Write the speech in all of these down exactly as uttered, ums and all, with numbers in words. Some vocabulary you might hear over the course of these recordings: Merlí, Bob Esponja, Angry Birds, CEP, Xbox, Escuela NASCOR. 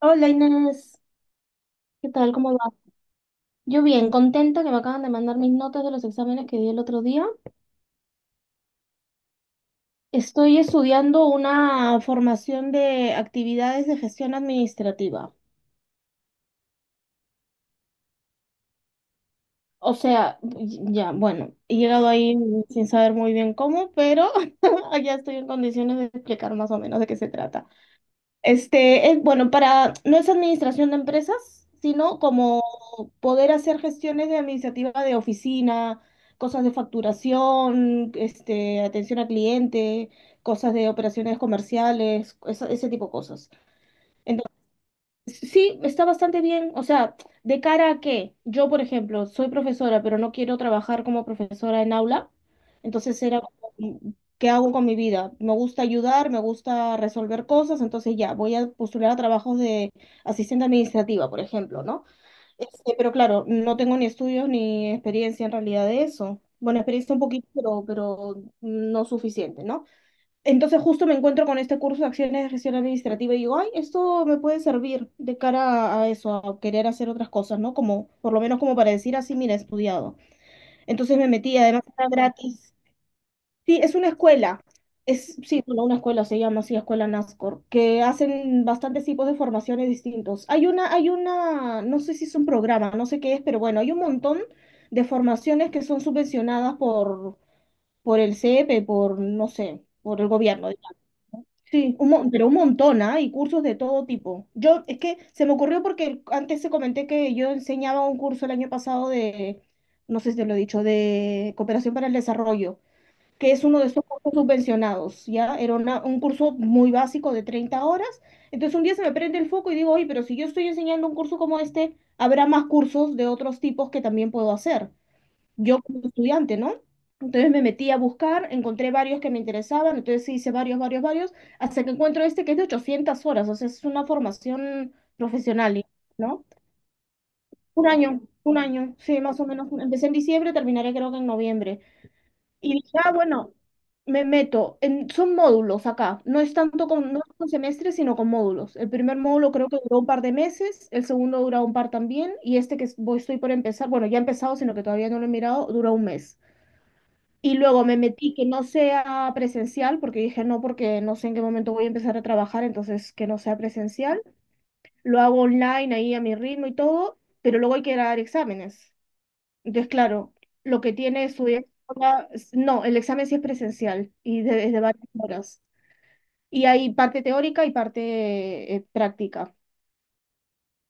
Hola Inés, ¿qué tal? ¿Cómo va? Yo bien, contenta que me acaban de mandar mis notas de los exámenes que di el otro día. Estoy estudiando una formación de actividades de gestión administrativa. O sea, ya, bueno, he llegado ahí sin saber muy bien cómo, pero ya estoy en condiciones de explicar más o menos de qué se trata. Este, es, bueno, para, no es administración de empresas, sino como poder hacer gestiones de administrativa de oficina, cosas de facturación, este, atención al cliente, cosas de operaciones comerciales, eso- ese tipo de cosas. Entonces, sí, está bastante bien. O sea, de cara a que yo, por ejemplo, soy profesora, pero no quiero trabajar como profesora en aula, entonces era como, mm, ¿qué hago con mi vida? Me gusta ayudar, me gusta resolver cosas, entonces ya, voy a postular a trabajos de asistente administrativa, por ejemplo, ¿no? Este, pero claro, no tengo ni estudios ni experiencia en realidad de eso. Bueno, experiencia un poquito, pero, pero no suficiente, ¿no? Entonces justo me encuentro con este curso de acciones de gestión administrativa y digo, ay, esto me puede servir de cara a eso, a querer hacer otras cosas, ¿no? Como, por lo menos como para decir así, mira, he estudiado. Entonces me metí, además era gratis. Sí, es una escuela. Es, sí, bueno, una escuela se llama así, Escuela NASCOR, que hacen bastantes tipos de formaciones distintos. Hay una, hay una, no sé si es un programa, no sé qué es, pero bueno, hay un montón de formaciones que son subvencionadas por, por el C E P, por, no sé, por el gobierno, digamos. Sí, un mon- pero un montón, ¿ah? Y cursos de todo tipo. Yo, es que se me ocurrió porque el- antes se comenté que yo enseñaba un curso el año pasado de, no sé si te lo he dicho, de cooperación para el desarrollo que es uno de esos cursos subvencionados, ¿ya? Era una- un curso muy básico de treinta horas. Entonces un día se me prende el foco y digo, oye, pero si yo estoy enseñando un curso como este, habrá más cursos de otros tipos que también puedo hacer, yo como estudiante, ¿no? Entonces me metí a buscar, encontré varios que me interesaban, entonces sí hice varios, varios, varios, hasta que encuentro este que es de ochocientas horas, o sea, es una formación profesional, ¿no? Un año, un año, sí, más o menos. Empecé en diciembre, terminaré creo que en noviembre. Y dije, ah, bueno, me meto. En, son módulos acá. No es tanto con, no es con semestres, sino con módulos. El primer módulo creo que duró un par de meses, el segundo duró un par también, y este que es- voy, estoy por empezar, bueno, ya he empezado, sino que todavía no lo he mirado, duró un mes. Y luego me metí que no sea presencial, porque dije no, porque no sé en qué momento voy a empezar a trabajar, entonces que no sea presencial. Lo hago online ahí a mi ritmo y todo, pero luego hay que dar exámenes. Entonces, claro, lo que tiene su no, el examen sí es presencial y de- desde varias horas. Y hay parte teórica y parte eh, práctica.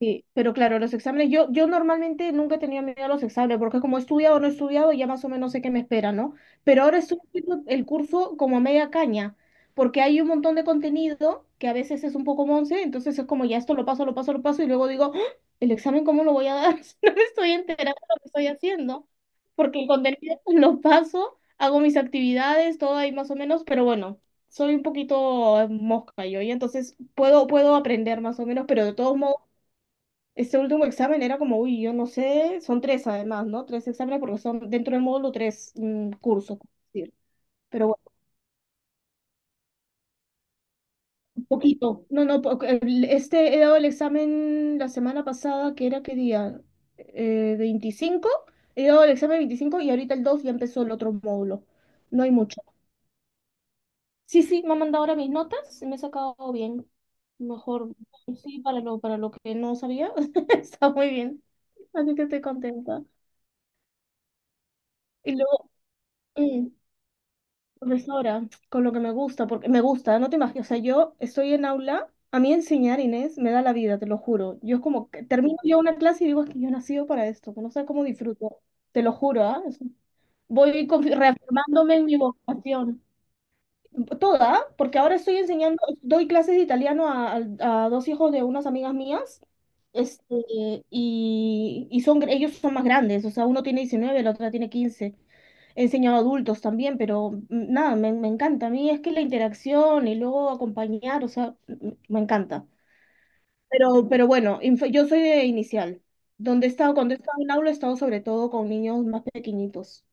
Sí, pero claro, los exámenes, yo, yo normalmente nunca he tenido miedo a los exámenes, porque como he estudiado o no he estudiado, ya más o menos sé qué me espera, ¿no? Pero ahora estoy haciendo el curso como a media caña, porque hay un montón de contenido que a veces es un poco monce, entonces es como ya esto lo paso, lo paso, lo paso, y luego digo, "¡Ah! ¿El examen cómo lo voy a dar? Si no me estoy enterando de lo que estoy haciendo, porque el contenido lo paso, hago mis actividades, todo ahí más o menos, pero bueno. Soy un poquito mosca yo, y entonces puedo, puedo aprender más o menos, pero de todos modos este último examen era como, uy, yo no sé, son tres además, ¿no? Tres exámenes porque son dentro del módulo tres mm, cursos, por decir. Pero bueno, un poquito. No, no, po- el- este he dado el examen la semana pasada, ¿que era qué día? Eh, veinticinco He dado el examen veinticinco y ahorita el dos ya empezó el otro módulo. No hay mucho. Sí, sí, me han mandado ahora mis notas, me he sacado bien. Mejor, sí, para lo, para lo que no sabía, está muy bien. Así que estoy contenta. Y luego, mm, profesora, con lo que me gusta, porque me gusta, no te imaginas, o sea, yo estoy en aula, a mí enseñar, Inés, me da la vida, te lo juro. Yo es como que termino yo una clase y digo, es que yo he nacido para esto, que no sé cómo disfruto, te lo juro, ¿ah? Es- Voy confi- reafirmándome en mi vocación, toda, ¿ah? Porque ahora estoy enseñando, doy clases de italiano a, a- a dos hijos de unas amigas mías, este, y, y son, ellos son más grandes, o sea, uno tiene diecinueve, la otra tiene quince. He enseñado a adultos también, pero mm, nada, me, me encanta. A mí es que la interacción y luego acompañar, o sea, m- me encanta. Pero, pero bueno, inf- yo soy de inicial. Donde he estado, cuando he estado en aula, he estado sobre todo con niños más pequeñitos.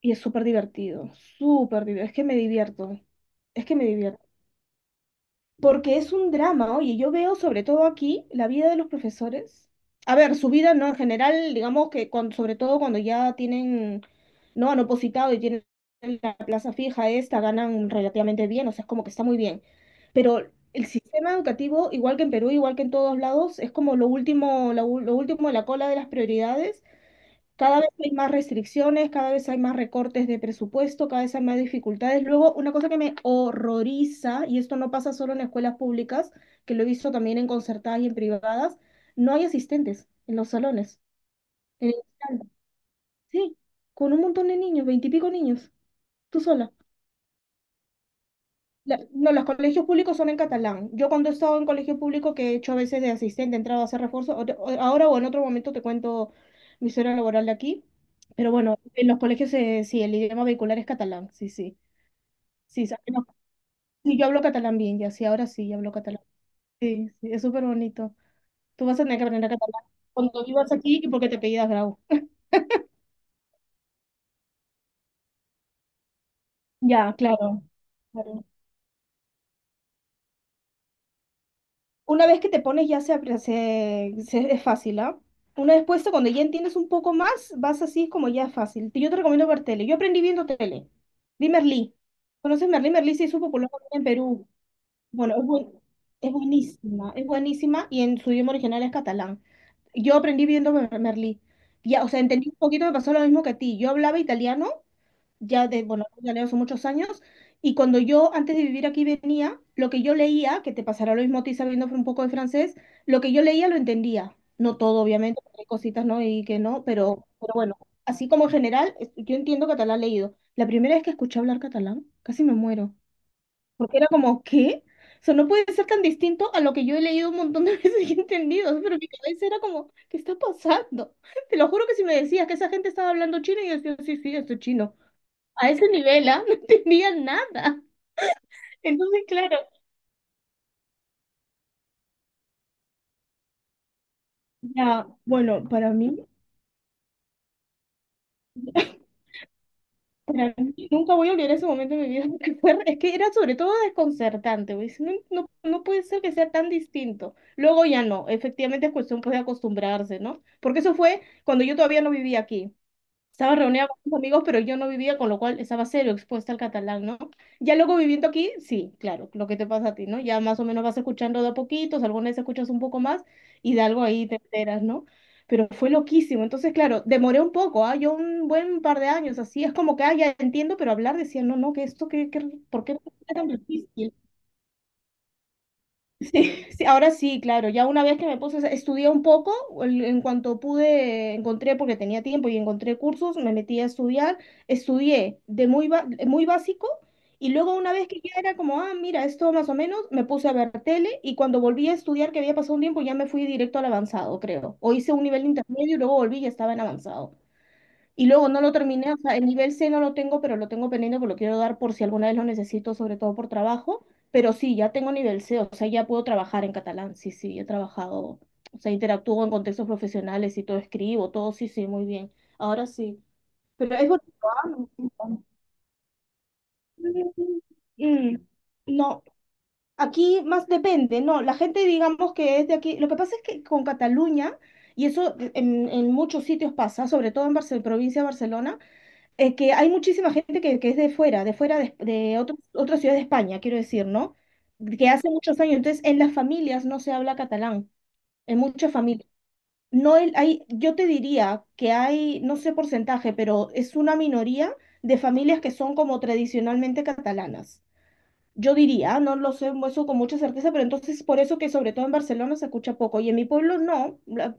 Y es súper divertido, súper divertido. Es que me divierto, es que me divierto. Porque es un drama, oye, yo veo sobre todo aquí la vida de los profesores. A ver, su vida, ¿no? En general, digamos que cuando, sobre todo cuando ya tienen, ¿no? Han opositado y tienen la plaza fija esta, ganan relativamente bien, o sea, es como que está muy bien. Pero el sistema educativo, igual que en Perú, igual que en todos lados, es como lo último, lo, ul- lo último de la cola de las prioridades. Cada vez hay más restricciones, cada vez hay más recortes de presupuesto, cada vez hay más dificultades. Luego, una cosa que me horroriza, y esto no pasa solo en escuelas públicas, que lo he visto también en concertadas y en privadas, no hay asistentes en los salones. En el salón. Sí, con un montón de niños, veintipico niños, tú sola. La- No, los colegios públicos son en catalán. Yo cuando he estado en colegio público que he hecho a veces de asistente, he entrado a hacer refuerzo, o- o- ahora o en otro momento te cuento mi historia laboral de aquí, pero bueno, en los colegios eh, sí, el idioma vehicular es catalán, sí, sí, sí, sa- no, sí, yo hablo catalán bien, ya sí, ahora sí, ya hablo catalán. Sí, sí, es súper bonito. Tú vas a tener que aprender catalán cuando vivas aquí y porque te apellidas Grau. Ya, claro. Claro. Una vez que te pones ya se, apre- se- se- es fácil, ¿ah? Una vez puesto, cuando ya entiendes un poco más, vas así como ya es fácil. Yo te recomiendo ver tele. Yo aprendí viendo tele. Vi Merlí. ¿Conoces Merlí? Merlí se hizo popular en Perú. Bueno, es, buen- es buenísima, es buenísima y en su idioma original es catalán. Yo aprendí viendo Mer- Merlí. Ya, o sea, entendí un poquito, me pasó lo mismo que a ti. Yo hablaba italiano ya de, bueno, ya leo hace muchos años, y cuando yo antes de vivir aquí venía, lo que yo leía, que te pasará lo mismo a ti sabiendo un poco de francés, lo que yo leía lo entendía. No todo, obviamente, porque hay cositas, ¿no? Y que no, pero, pero bueno, así como en general, es- yo entiendo catalán leído. La primera vez que escuché hablar catalán, casi me muero, porque era como, ¿qué? O sea, no puede ser tan distinto a lo que yo he leído un montón de veces y he entendido, pero mi cabeza era como, ¿qué está pasando? Te lo juro que si me decías que esa gente estaba hablando chino, yo decía, sí, sí, esto es chino a ese nivel, ¿ah? No tenían nada. Entonces, claro, ya, bueno, para mí, nunca voy a olvidar ese momento de mi vida, porque fue, es que era sobre todo desconcertante, güey. Dice, no, no, no puede ser que sea tan distinto. Luego ya no, efectivamente es cuestión pues, de acostumbrarse, ¿no? Porque eso fue cuando yo todavía no vivía aquí. Estaba reunida con mis amigos, pero yo no vivía, con lo cual estaba cero expuesta al catalán, ¿no? Ya luego viviendo aquí, sí, claro, lo que te pasa a ti, ¿no? Ya más o menos vas escuchando de a poquitos, alguna vez escuchas un poco más y de algo ahí te enteras, ¿no? Pero fue loquísimo. Entonces, claro, demoré un poco, ¿ah? Yo un buen par de años, así es como que, ah, ya entiendo, pero hablar decía, no, no, que esto, que, que- ¿por qué es tan difícil? Sí, sí, ahora sí, claro. Ya una vez que me puse, a- hacer- estudié un poco, el- en cuanto pude, encontré, porque tenía tiempo y encontré cursos, me metí a estudiar, estudié de muy, ba- muy básico y luego una vez que ya era como, ah, mira, esto más o menos, me puse a ver tele y cuando volví a estudiar, que había pasado un tiempo, ya me fui directo al avanzado, creo. O hice un nivel intermedio y luego volví y ya estaba en avanzado. Y luego no lo terminé, o sea, el nivel C no lo tengo, pero lo tengo pendiente porque lo quiero dar por si alguna vez lo necesito, sobre todo por trabajo. Pero sí, ya tengo nivel C, o sea, ya puedo trabajar en catalán. Sí, sí, he trabajado, o sea, interactúo en contextos profesionales y todo escribo, todo, sí, sí, muy bien. Ahora sí. Pero es bonito, ¿ah? Mm. No, aquí más depende, no, la gente digamos que es de aquí, lo que pasa es que con Cataluña, y eso en, en muchos sitios pasa, sobre todo en Barce- provincia de Barcelona, eh, que hay muchísima gente que, que es de fuera, de fuera de, de otro- otra ciudad de España, quiero decir, ¿no? Que hace muchos años, entonces en las familias no se habla catalán, en muchas familias. No el- Hay, yo te diría que hay, no sé porcentaje, pero es una minoría de familias que son como tradicionalmente catalanas. Yo diría, no lo sé eso con mucha certeza, pero entonces por eso que sobre todo en Barcelona se escucha poco y en mi pueblo no. La-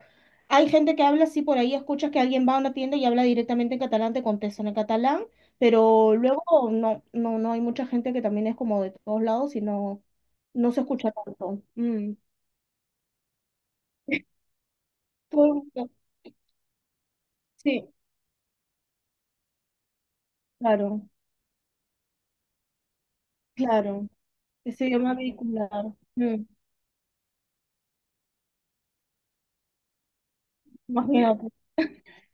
Hay gente que habla así por ahí, escuchas que alguien va a una tienda y habla directamente en catalán, te contestan en catalán, pero luego no, no, no hay mucha gente que también es como de todos lados y no, no se escucha tanto. Mm. Todo- Sí, claro, claro. Ese idioma vehicular. Mm. Imagínate,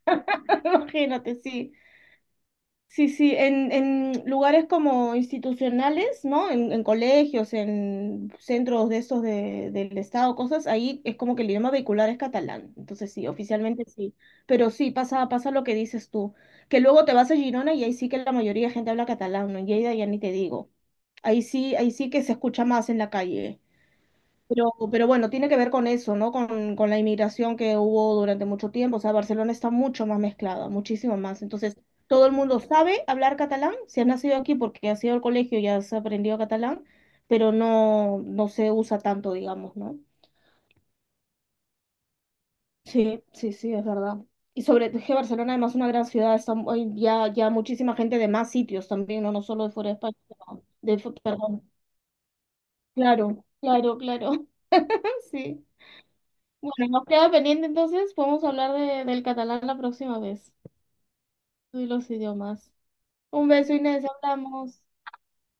imagínate, sí. Sí, sí, en, en lugares como institucionales, ¿no? En, en colegios, en centros de estos de- del Estado, cosas, ahí es como que el idioma vehicular es catalán. Entonces sí, oficialmente sí. Pero sí, pasa, pasa lo que dices tú. Que luego te vas a Girona y ahí sí que la mayoría de gente habla catalán, ¿no? En Lleida ya ni te digo. Ahí sí, ahí sí que se escucha más en la calle. Pero, pero bueno, tiene que ver con eso, ¿no? Con, con la inmigración que hubo durante mucho tiempo. O sea, Barcelona está mucho más mezclada, muchísimo más. Entonces, todo el mundo sabe hablar catalán, si has nacido aquí porque has ido al colegio y has aprendido catalán, pero no, no se usa tanto, digamos, ¿no? Sí, sí, sí, es verdad. Y sobre es que Barcelona, además, es una gran ciudad, está, mu- hay ya, ya muchísima gente de más sitios también, ¿no? No solo de fuera de España, sino de, fu- perdón. Claro, claro, claro. Sí. Bueno, nos queda pendiente entonces, podemos hablar de- del catalán la próxima vez y los idiomas. Un beso, Inés, hablamos.